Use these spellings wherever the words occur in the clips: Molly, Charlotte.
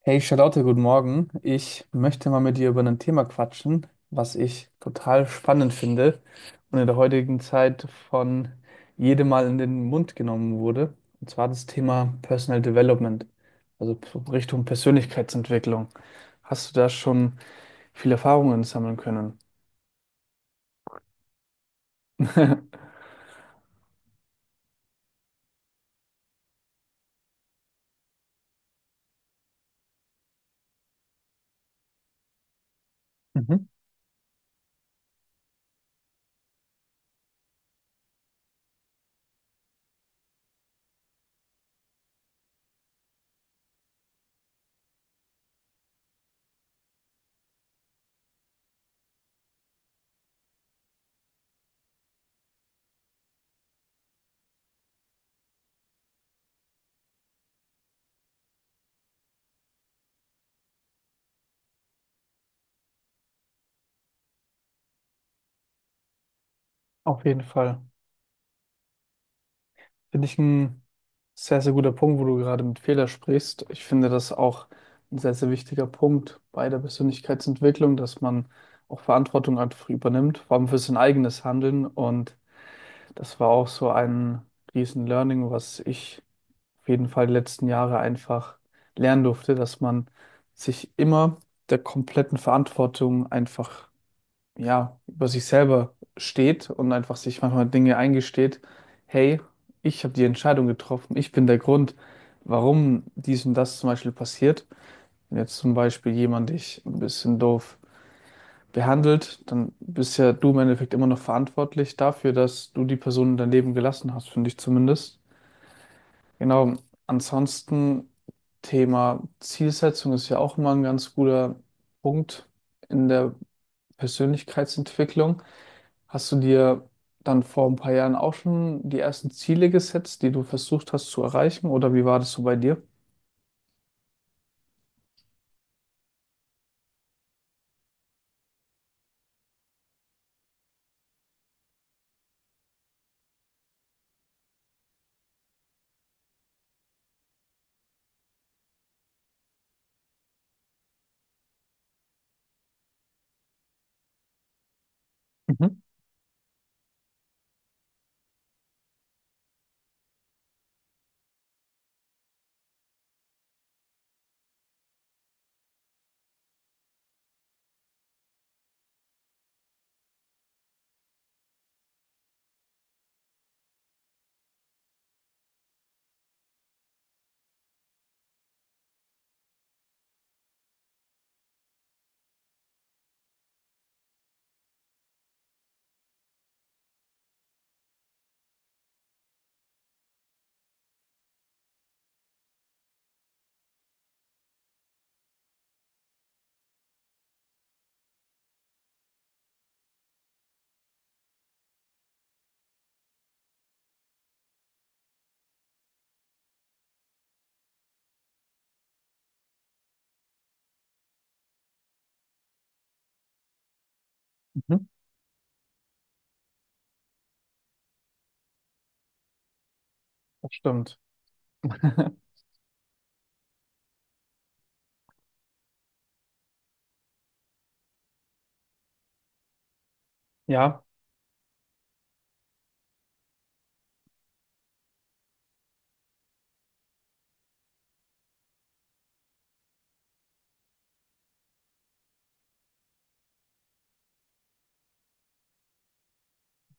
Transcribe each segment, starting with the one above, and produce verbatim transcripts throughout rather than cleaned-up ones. Hey Charlotte, guten Morgen. Ich möchte mal mit dir über ein Thema quatschen, was ich total spannend finde und in der heutigen Zeit von jedem Mal in den Mund genommen wurde. Und zwar das Thema Personal Development, also p- Richtung Persönlichkeitsentwicklung. Hast du da schon viele Erfahrungen sammeln können? Mhm. Auf jeden Fall. Finde ich ein sehr, sehr guter Punkt, wo du gerade mit Fehler sprichst. Ich finde das auch ein sehr, sehr wichtiger Punkt bei der Persönlichkeitsentwicklung, dass man auch Verantwortung einfach übernimmt, vor allem für sein eigenes Handeln. Und das war auch so ein riesen Learning, was ich auf jeden Fall die letzten Jahre einfach lernen durfte, dass man sich immer der kompletten Verantwortung einfach ja, über sich selber steht und einfach sich manchmal Dinge eingesteht, hey, ich habe die Entscheidung getroffen, ich bin der Grund, warum dies und das zum Beispiel passiert. Wenn jetzt zum Beispiel jemand dich ein bisschen doof behandelt, dann bist ja du im Endeffekt immer noch verantwortlich dafür, dass du die Person in dein Leben gelassen hast, finde ich zumindest. Genau, ansonsten Thema Zielsetzung ist ja auch immer ein ganz guter Punkt in der Persönlichkeitsentwicklung. Hast du dir dann vor ein paar Jahren auch schon die ersten Ziele gesetzt, die du versucht hast zu erreichen? Oder wie war das so bei dir? Mhm, mhm. Das stimmt. Ja,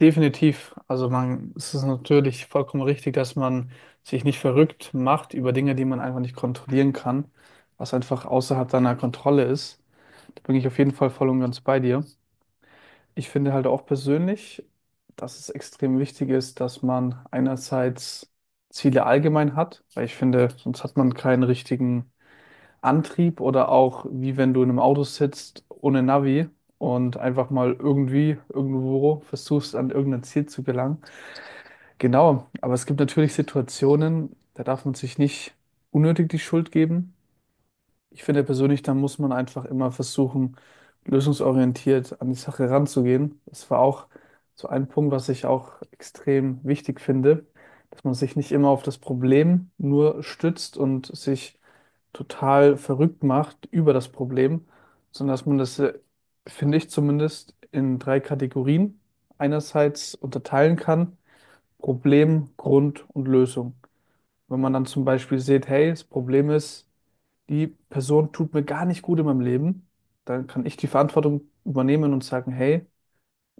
definitiv. Also man, es ist natürlich vollkommen richtig, dass man sich nicht verrückt macht über Dinge, die man einfach nicht kontrollieren kann, was einfach außerhalb deiner Kontrolle ist. Da bin ich auf jeden Fall voll und ganz bei dir. Ich finde halt auch persönlich, dass es extrem wichtig ist, dass man einerseits Ziele allgemein hat, weil ich finde, sonst hat man keinen richtigen Antrieb oder auch wie wenn du in einem Auto sitzt ohne Navi und einfach mal irgendwie irgendwo versuchst, an irgendein Ziel zu gelangen. Genau, aber es gibt natürlich Situationen, da darf man sich nicht unnötig die Schuld geben. Ich finde persönlich, da muss man einfach immer versuchen, lösungsorientiert an die Sache ranzugehen. Das war auch so ein Punkt, was ich auch extrem wichtig finde, dass man sich nicht immer auf das Problem nur stützt und sich total verrückt macht über das Problem, sondern dass man das, äh, finde ich zumindest, in drei Kategorien einerseits unterteilen kann. Problem, Grund und Lösung. Wenn man dann zum Beispiel sieht, hey, das Problem ist, die Person tut mir gar nicht gut in meinem Leben, dann kann ich die Verantwortung übernehmen und sagen, hey,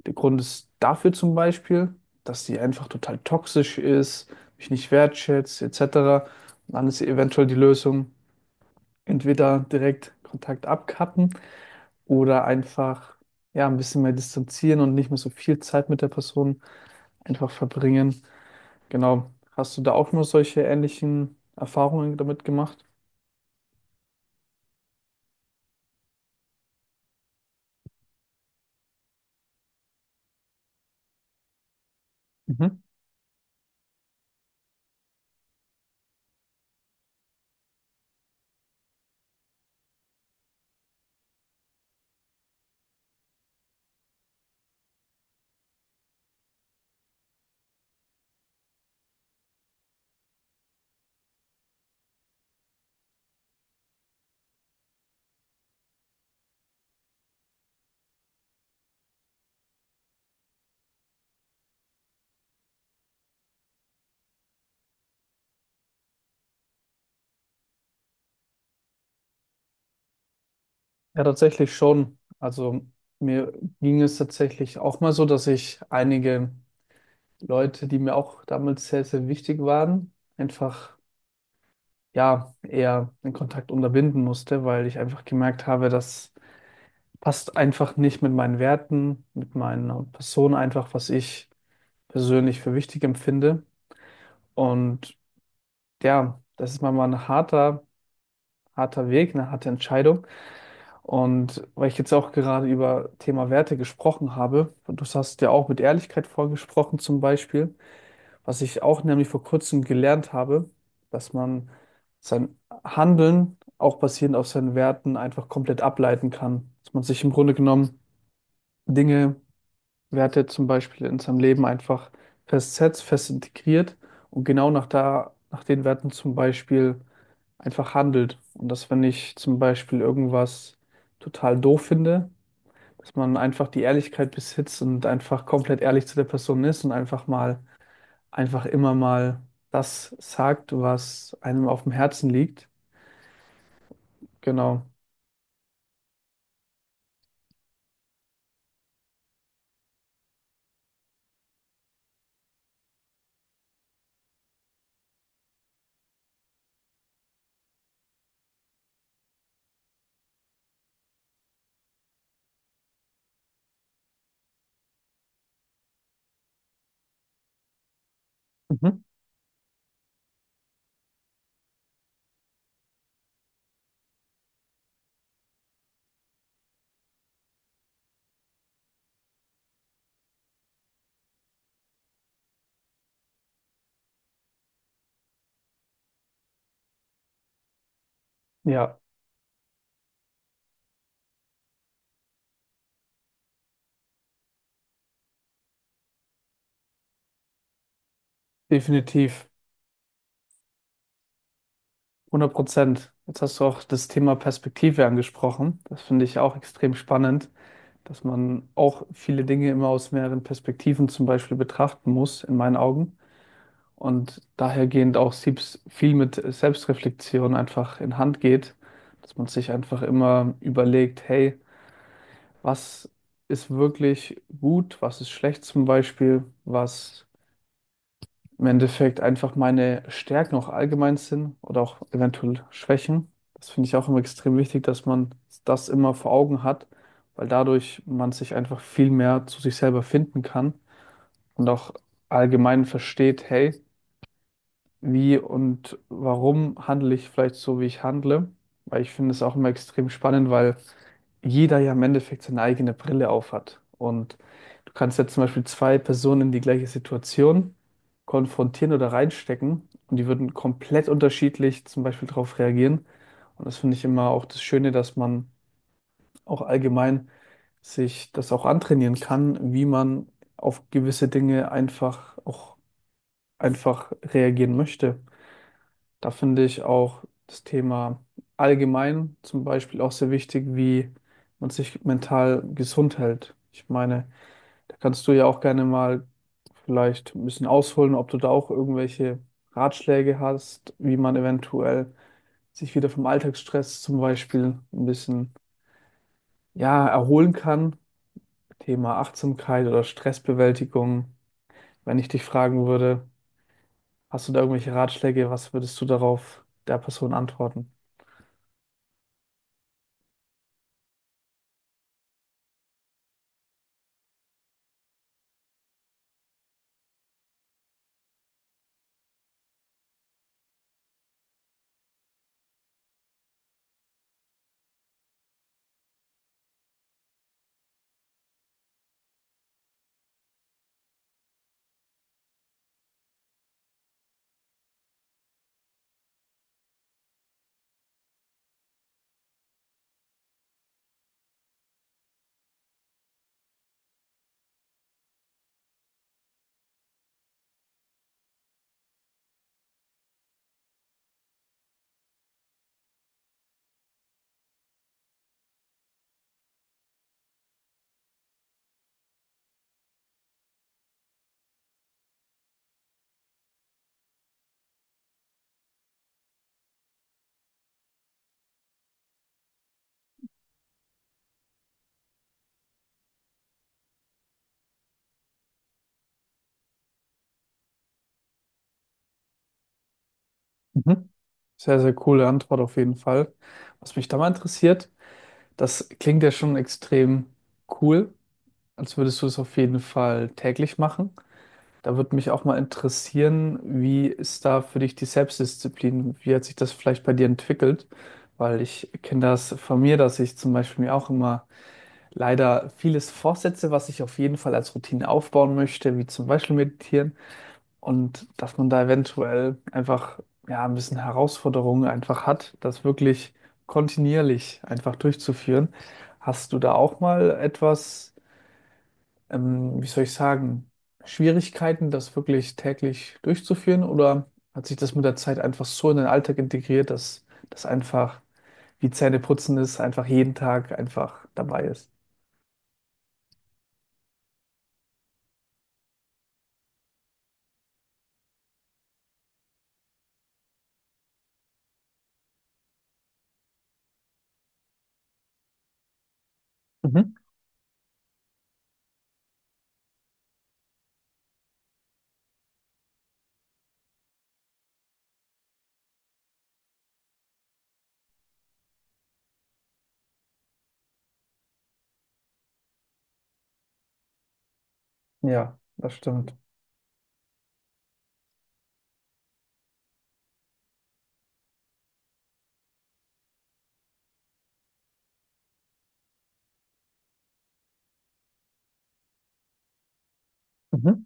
der Grund ist dafür zum Beispiel, dass sie einfach total toxisch ist, mich nicht wertschätzt, et cetera. Und dann ist eventuell die Lösung, entweder direkt Kontakt abkappen oder einfach ja, ein bisschen mehr distanzieren und nicht mehr so viel Zeit mit der Person einfach verbringen. Genau. Hast du da auch nur solche ähnlichen Erfahrungen damit gemacht? Mhm. Ja, tatsächlich schon. Also mir ging es tatsächlich auch mal so, dass ich einige Leute, die mir auch damals sehr, sehr wichtig waren, einfach ja eher den Kontakt unterbinden musste, weil ich einfach gemerkt habe, das passt einfach nicht mit meinen Werten, mit meiner Person einfach, was ich persönlich für wichtig empfinde. Und ja, das ist mal mal ein harter, harter Weg, eine harte Entscheidung. Und weil ich jetzt auch gerade über Thema Werte gesprochen habe, und du hast ja auch mit Ehrlichkeit vorgesprochen zum Beispiel, was ich auch nämlich vor kurzem gelernt habe, dass man sein Handeln auch basierend auf seinen Werten einfach komplett ableiten kann. Dass man sich im Grunde genommen Dinge, Werte zum Beispiel in seinem Leben einfach festsetzt, fest integriert und genau nach da, nach den Werten zum Beispiel einfach handelt. Und dass wenn ich zum Beispiel irgendwas total doof finde, dass man einfach die Ehrlichkeit besitzt und einfach komplett ehrlich zu der Person ist und einfach mal, einfach immer mal das sagt, was einem auf dem Herzen liegt. Genau. Mhm. Ja, definitiv. Hundert Prozent. Jetzt hast du auch das Thema Perspektive angesprochen. Das finde ich auch extrem spannend, dass man auch viele Dinge immer aus mehreren Perspektiven zum Beispiel betrachten muss, in meinen Augen. Und dahergehend auch Siebs viel mit Selbstreflexion einfach in Hand geht, dass man sich einfach immer überlegt, hey, was ist wirklich gut, was ist schlecht zum Beispiel, was im Endeffekt einfach meine Stärken auch allgemein sind oder auch eventuell Schwächen. Das finde ich auch immer extrem wichtig, dass man das immer vor Augen hat, weil dadurch man sich einfach viel mehr zu sich selber finden kann und auch allgemein versteht, hey, wie und warum handle ich vielleicht so, wie ich handle. Weil ich finde es auch immer extrem spannend, weil jeder ja im Endeffekt seine eigene Brille aufhat. Und du kannst jetzt zum Beispiel zwei Personen in die gleiche Situation konfrontieren oder reinstecken und die würden komplett unterschiedlich zum Beispiel darauf reagieren. Und das finde ich immer auch das Schöne, dass man auch allgemein sich das auch antrainieren kann, wie man auf gewisse Dinge einfach auch einfach reagieren möchte. Da finde ich auch das Thema allgemein zum Beispiel auch sehr wichtig, wie man sich mental gesund hält. Ich meine, da kannst du ja auch gerne mal vielleicht ein bisschen ausholen, ob du da auch irgendwelche Ratschläge hast, wie man eventuell sich wieder vom Alltagsstress zum Beispiel ein bisschen, ja, erholen kann. Thema Achtsamkeit oder Stressbewältigung. Wenn ich dich fragen würde, hast du da irgendwelche Ratschläge, was würdest du darauf der Person antworten? Mhm. Sehr, sehr coole Antwort auf jeden Fall. Was mich da mal interessiert, das klingt ja schon extrem cool, als würdest du es auf jeden Fall täglich machen. Da würde mich auch mal interessieren, wie ist da für dich die Selbstdisziplin? Wie hat sich das vielleicht bei dir entwickelt? Weil ich kenne das von mir, dass ich zum Beispiel mir auch immer leider vieles vorsetze, was ich auf jeden Fall als Routine aufbauen möchte, wie zum Beispiel meditieren und dass man da eventuell einfach ja ein bisschen Herausforderungen einfach hat, das wirklich kontinuierlich einfach durchzuführen. Hast du da auch mal etwas, ähm, wie soll ich sagen, Schwierigkeiten, das wirklich täglich durchzuführen? Oder hat sich das mit der Zeit einfach so in den Alltag integriert, dass das einfach wie Zähneputzen ist, einfach jeden Tag einfach dabei ist? Mhm. Ja, das stimmt. Mhm.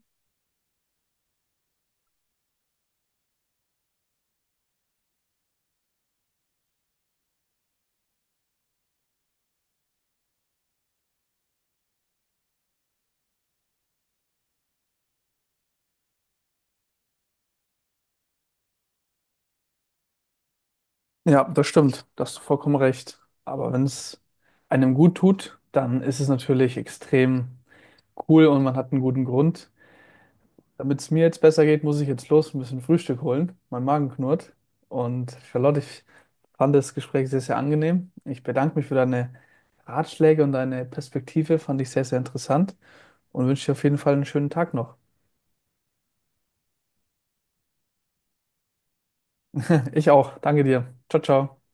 Ja, das stimmt. Da hast du vollkommen recht. Aber wenn es einem gut tut, dann ist es natürlich extrem cool und man hat einen guten Grund. Damit es mir jetzt besser geht, muss ich jetzt los ein bisschen Frühstück holen. Mein Magen knurrt. Und Charlotte, ich fand das Gespräch sehr, sehr angenehm. Ich bedanke mich für deine Ratschläge und deine Perspektive. Fand ich sehr, sehr interessant und wünsche dir auf jeden Fall einen schönen Tag noch. Ich auch. Danke dir. Ciao, ciao.